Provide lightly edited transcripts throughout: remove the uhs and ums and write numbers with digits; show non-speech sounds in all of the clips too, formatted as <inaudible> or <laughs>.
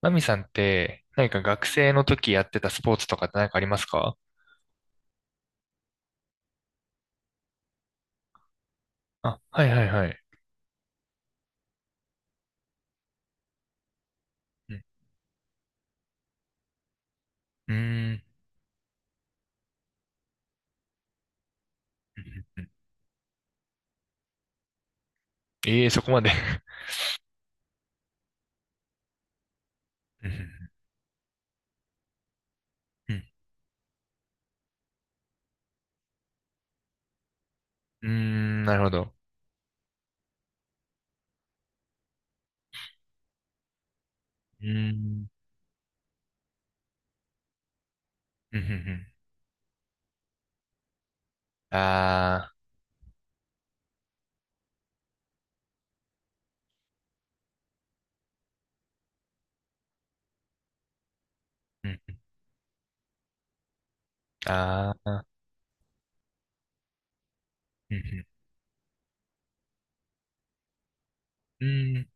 マミさんって、何か学生の時やってたスポーツとかって何かありますか？あ、はいはいはい。うん。うーん。ええー、そこまで。うん。うん。うん、なるほど。うーん。うん。ああー。うん。ああ。うん。うん。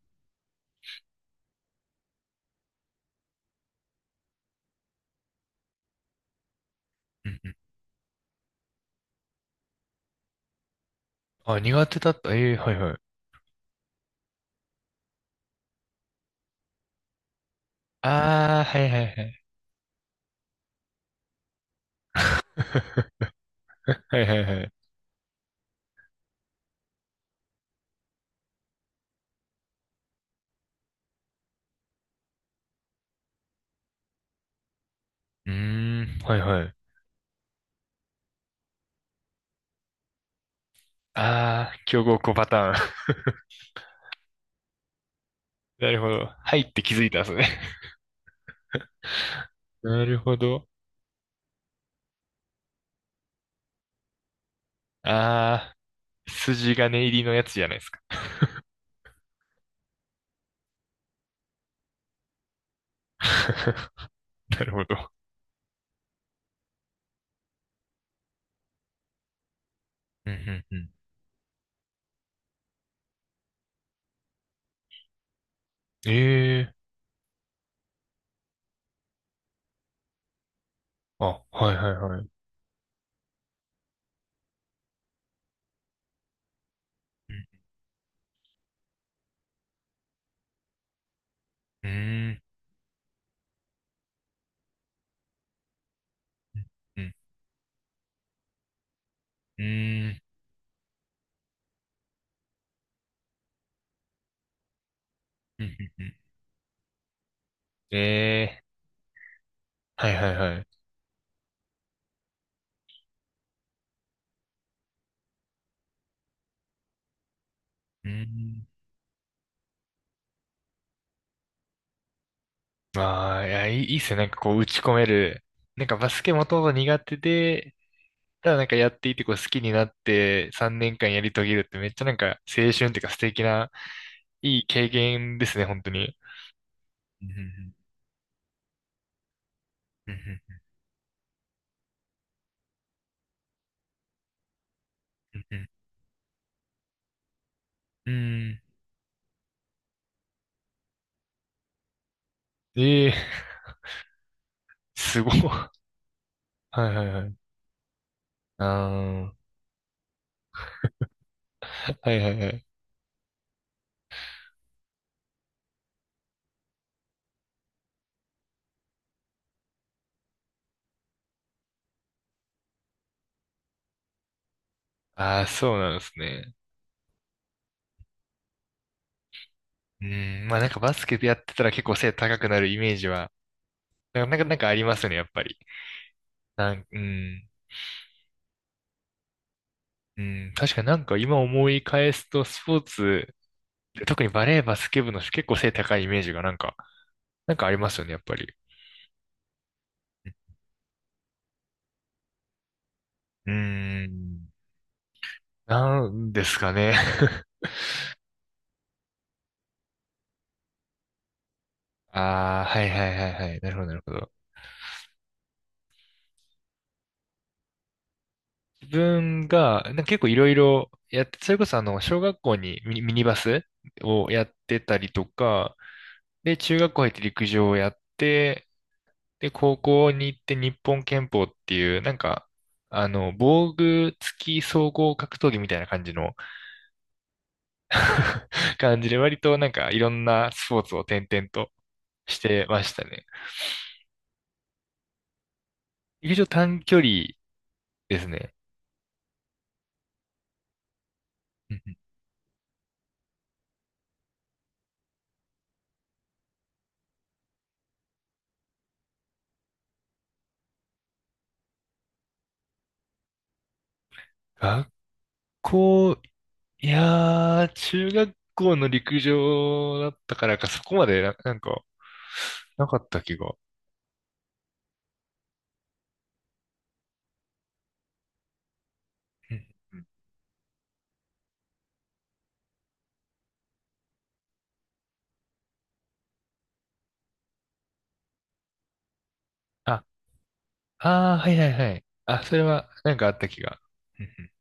うん、あ、苦手だった。ええー、はいはい。ああ、はいはいはい。<laughs> はいはいはい。うーん。はいはい。ああ、強豪校パターン。<laughs> なるほど。はいって気づいたんですね。なるほど。ああ。筋金入りのやつじゃないですか。<laughs> なるほど。うんうんうん。ええ、あ、はいはいはい。うん、うん、うん、うん、うん、うん。ええ、はいはいはい。うん、まあ、いや、いいっすよ。なんかこう、打ち込める。なんかバスケもともと苦手で、ただなんかやっていてこう好きになって3年間やり遂げるってめっちゃなんか青春っていうか素敵ないい経験ですね、本当に。うん、うん、うん、うん、うん、うん。うん、ええ、すごい。はいはいはい。ああ、はいはいはい。ああ、そうなんですね。うん、まあなんかバスケやってたら結構背高くなるイメージは、なんかなんかありますね、やっぱり。うん、うん、確かになんか今思い返すとスポーツ、特にバレーバスケ部の人結構背高いイメージがなんか、なんかありますよね、やっぱり。うーん、なんですかね。<laughs> ああ、はいはいはいはい。なるほどなるほど。自分が、なんか結構いろいろやって、それこそあの、小学校にミニバスをやってたりとか、で、中学校入って陸上をやって、で、高校に行って日本拳法っていう、なんか、あの、防具付き総合格闘技みたいな感じの <laughs> 感じで、割となんかいろんなスポーツを転々としてましたね。陸上短距離ですね。うんうん、学校、いやー、中学校の陸上だったからか、そこまでなんか、なかった気が。うん、あ、あー、はいはいはい。あ、それは、なんかあった気が。うん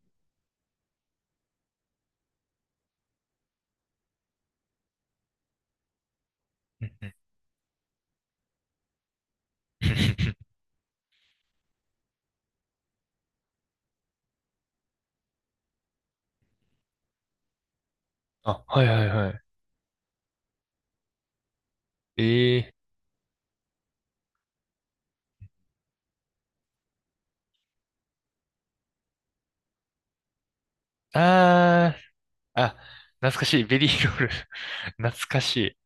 うんうん、うん、 <laughs> あ、はいはいはい。ええー、あー、あ、懐かしい。ベリーロール。<laughs> 懐かし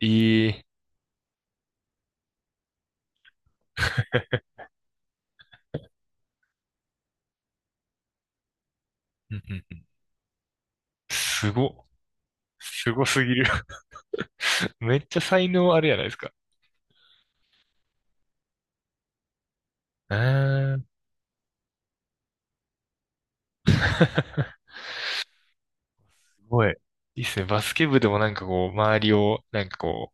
い。ええー、うんうんうん、すご。すごすぎる。<laughs> めっちゃ才能あるやないですか。うーん。<laughs> ごい。いいっすね。バスケ部でもなんかこう、周りを、なんかこ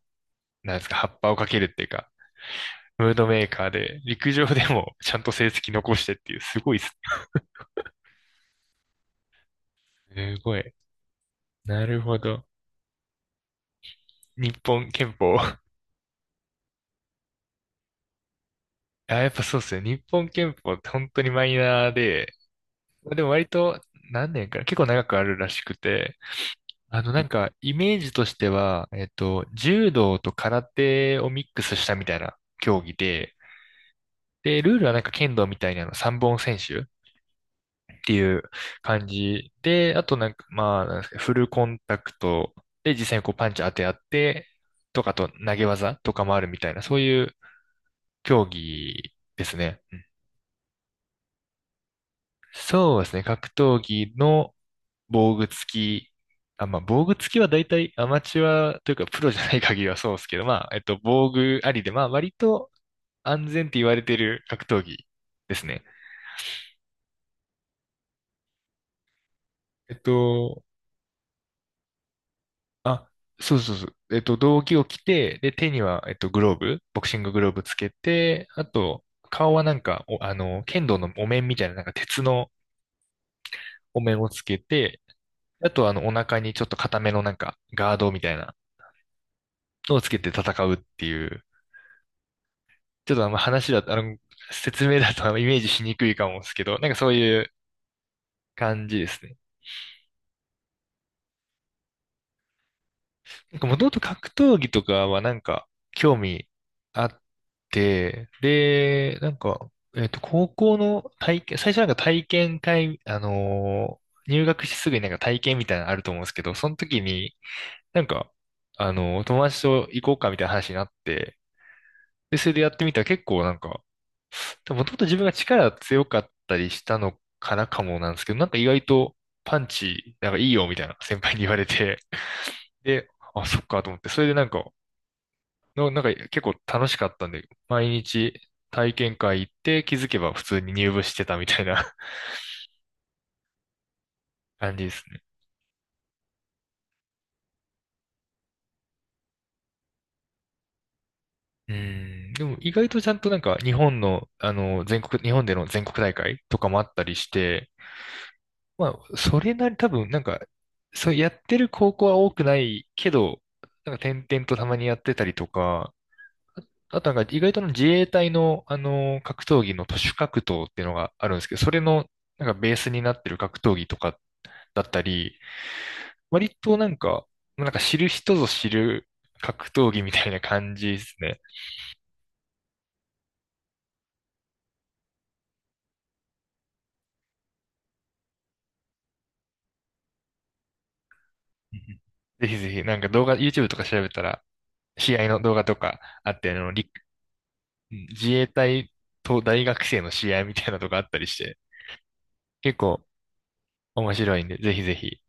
う、なんですか、葉っぱをかけるっていうか、ムードメーカーで、陸上でも <laughs> ちゃんと成績残してっていう、すごいっすね。すごい。なるほど。日本憲法。<laughs> あ、やっぱそうっすね。日本憲法って本当にマイナーで、でも割と何年かな、結構長くあるらしくて、あのなんかイメージとしては、柔道と空手をミックスしたみたいな競技で、で、ルールはなんか剣道みたいなの3本選手っていう感じで、あとなんか、まあ、なんですか、フルコンタクトで実際にこうパンチ当て合って、とかあと投げ技とかもあるみたいな、そういう競技ですね。うん、そうですね、格闘技の防具付き、あ、まあ、防具付きは大体アマチュアというかプロじゃない限りはそうですけど、まあ、防具ありで、まあ、割と安全って言われてる格闘技ですね。えっと、あ、そうそうそう。えっと、道着を着て、で、手には、えっと、グローブ、ボクシンググローブつけて、あと、顔はなんか、お、あの、剣道のお面みたいな、なんか鉄のお面をつけて、あと、あの、お腹にちょっと固めのなんか、ガードみたいなのをつけて戦うっていう、ちょっとあの話だと、あの、説明だとあのイメージしにくいかもですけど、なんかそういう感じですね。なんかもともと格闘技とかはなんか興味あって、で、なんか、えっと、高校の体験、最初なんか体験会、入学してすぐになんか体験みたいなのあると思うんですけど、その時になんか、あのー友達と行こうかみたいな話になって、で、それでやってみたら結構なんか、もともと自分が力強かったりしたのからかもなんですけど、なんか意外とパンチ、なんかいいよみたいな先輩に言われて、で、あ、そっかと思って、それでなんか、なんか結構楽しかったんで、毎日体験会行って気づけば普通に入部してたみたいな <laughs> 感じですね。うん。でも意外とちゃんとなんか日本の、あの、全国、日本での全国大会とかもあったりして、まあ、それなり多分なんか、そうやってる高校は多くないけど、なんか点々とたまにやってたりとか、あとなんか意外とあの自衛隊の、あの格闘技の徒手格闘っていうのがあるんですけど、それのなんかベースになってる格闘技とかだったり、割となんか、なんか知る人ぞ知る格闘技みたいな感じですね。うんうん、ぜひぜひ、なんか動画、YouTube とか調べたら、試合の動画とかあって、あの、陸、うん、自衛隊と大学生の試合みたいなのとかあったりして、結構面白いんで、ぜひぜひ。